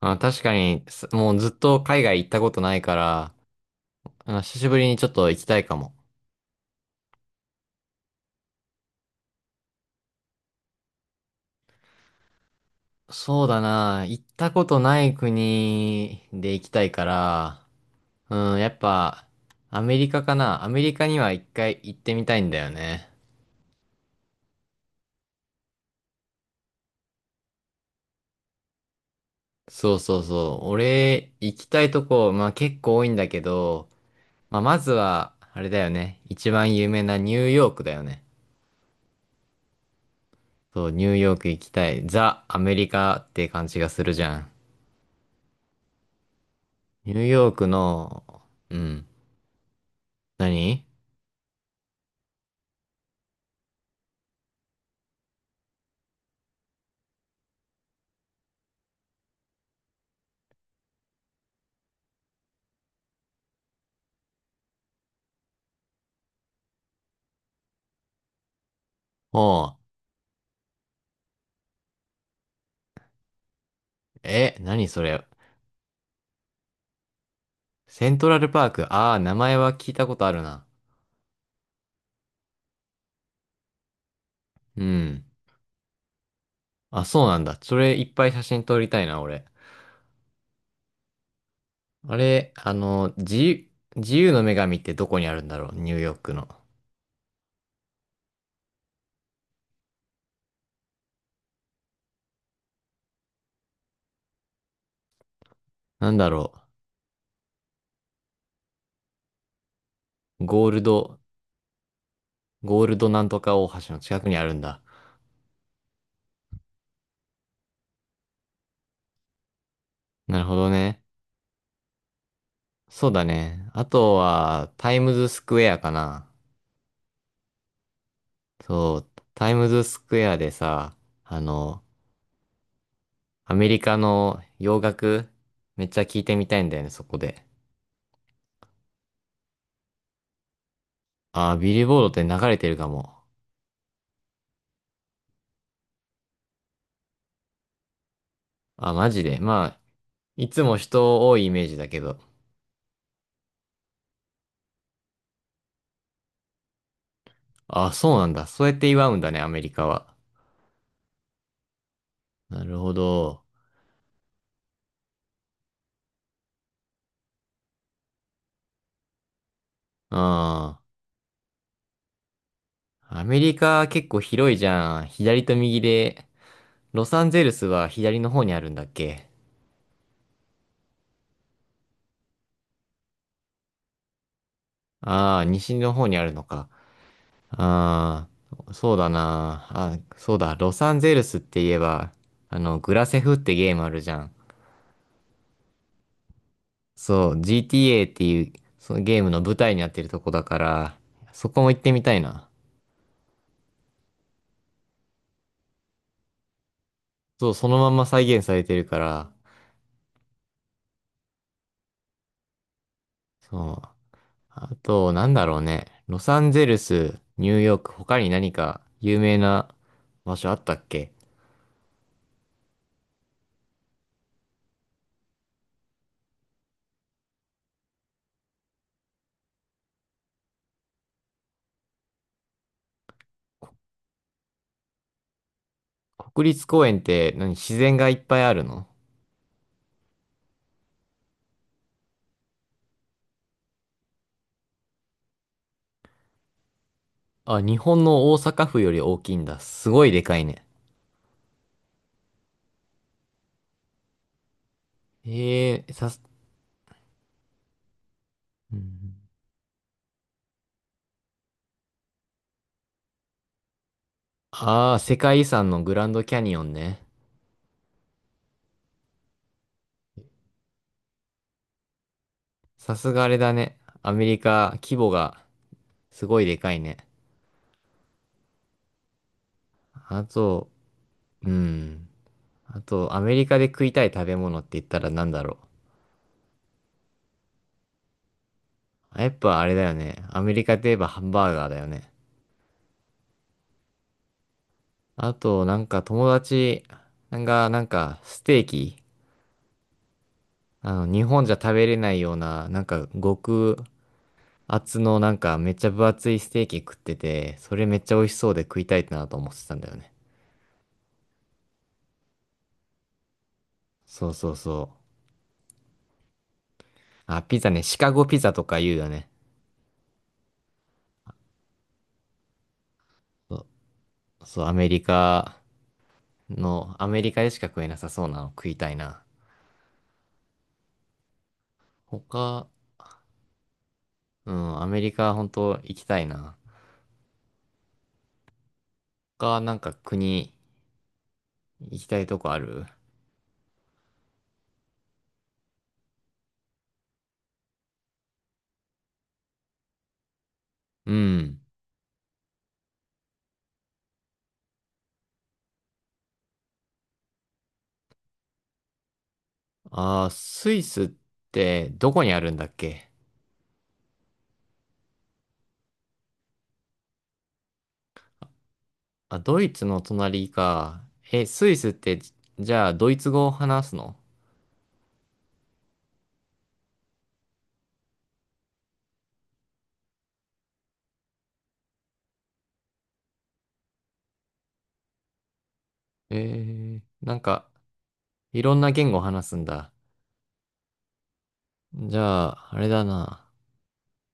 あ、確かに、すもうずっと海外行ったことないから、あ、久しぶりにちょっと行きたいかも。そうだな、行ったことない国で行きたいから、うん、やっぱ、アメリカかな。アメリカには一回行ってみたいんだよね。そうそうそう。俺、行きたいとこ、まあ結構多いんだけど、まあまずは、あれだよね。一番有名なニューヨークだよね。そう、ニューヨーク行きたい。ザ・アメリカって感じがするじゃん。ニューヨークの、うん。何。おう。え、何それ。セントラルパーク。ああ、名前は聞いたことあるな。うん。あ、そうなんだ。それいっぱい写真撮りたいな、俺。あれ、あの、自由、自由の女神ってどこにあるんだろう、ニューヨークの。なんだろう。ゴールド、ゴールドなんとか大橋の近くにあるんだ。なるほどね。そうだね。あとは、タイムズスクエアかな。そう、タイムズスクエアでさ、あの、アメリカの洋楽、めっちゃ聞いてみたいんだよね、そこで。ああ、ビリボードって流れてるかも。あ、マジで。まあ、いつも人多いイメージだけど。あ、そうなんだ。そうやって祝うんだね、アメリカは。なるほど。うん。アメリカ結構広いじゃん。左と右で。ロサンゼルスは左の方にあるんだっけ。ああー、西の方にあるのか。ああ、そうだな。あ、そうだ。ロサンゼルスって言えば、あの、グラセフってゲームあるじゃん。そう、GTA っていう、そのゲームの舞台になってるとこだから、そこも行ってみたいな。そう、そのまんま再現されてるから、そう。あと、なんだろうね。ロサンゼルス、ニューヨーク、他に何か有名な場所あったっけ。国立公園って何、自然がいっぱいあるの。あ、日本の大阪府より大きいんだ。すごいでかいね。ええ、さす、うん。ああ、世界遺産のグランドキャニオンね。さすがあれだね。アメリカ、規模がすごいでかいね。あと、うん。あと、アメリカで食いたい食べ物って言ったらなんだろう。やっぱあれだよね。アメリカといえばハンバーガーだよね。あと、なんか友達が、なんか、ステーキ、あの、日本じゃ食べれないような、なんか、極厚の、なんか、めっちゃ分厚いステーキ食ってて、それめっちゃ美味しそうで食いたいなと思ってたんだよね。そうそうそう。あ、ピザね、シカゴピザとか言うよね。そう、そう、アメリカ、のアメリカでしか食えなさそうなの食いたいな。他、うん、アメリカ本当行きたいな。他なんか国行きたいとこある。うん。あー、スイスってどこにあるんだっけ。あ、ドイツの隣か。え、スイスってじゃあドイツ語を話すの。えー、なんかいろんな言語を話すんだ。じゃあ、あれだな。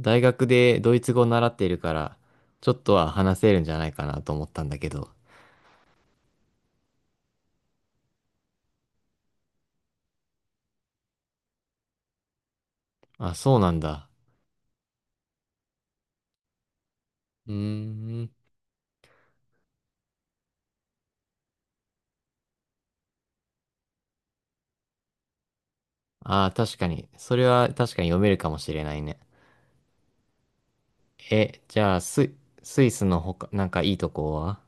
大学でドイツ語を習っているから、ちょっとは話せるんじゃないかなと思ったんだけど。あ、そうなんだ。うーん。ああ、確かに。それは確かに読めるかもしれないね。え、じゃあ、ス、スイスの他、なんかいいとこは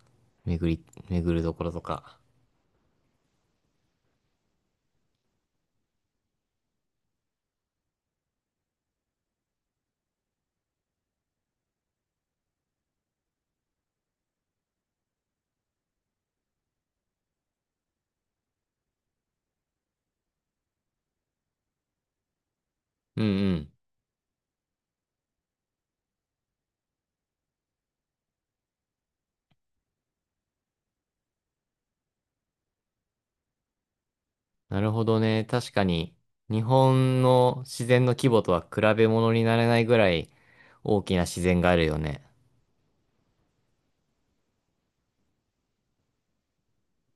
巡り、巡るところとか。うんうん。なるほどね。確かに、日本の自然の規模とは比べ物にならないぐらい大きな自然があるよね。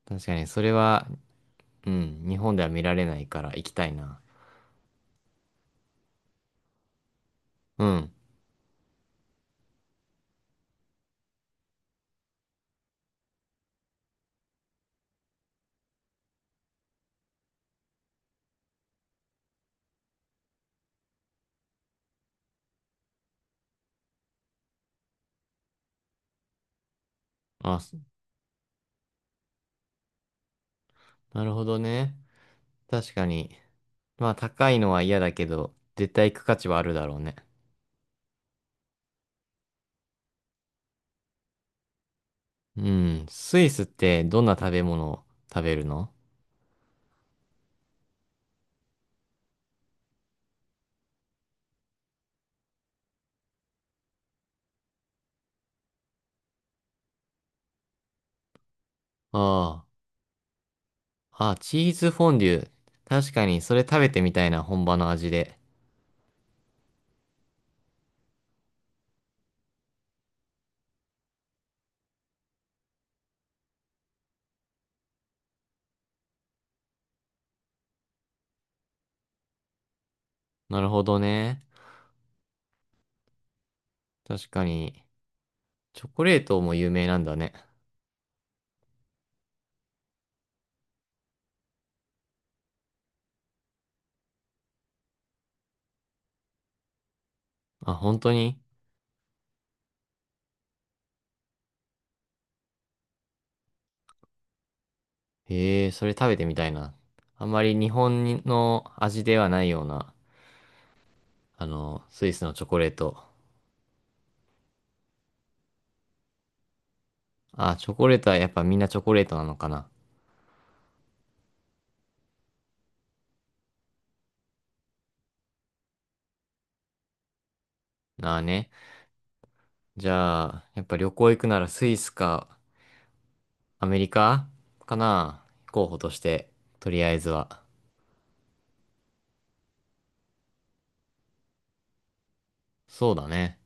確かに、それは、うん、日本では見られないから行きたいな。うん。あ、なるほどね。確かに。まあ高いのは嫌だけど、絶対行く価値はあるだろうね。うん。スイスってどんな食べ物を食べるの。ああ。あ、チーズフォンデュ。確かに、それ食べてみたいな、本場の味で。なるほどね。確かに、チョコレートも有名なんだね。あ、本当に。へえ、それ食べてみたいな。あんまり日本の味ではないような、あの、スイスのチョコレート。あ、チョコレートはやっぱみんなチョコレートなのかな。なあね。じゃあ、やっぱ旅行行くならスイスかアメリカかな、候補として、とりあえずは。そうだね。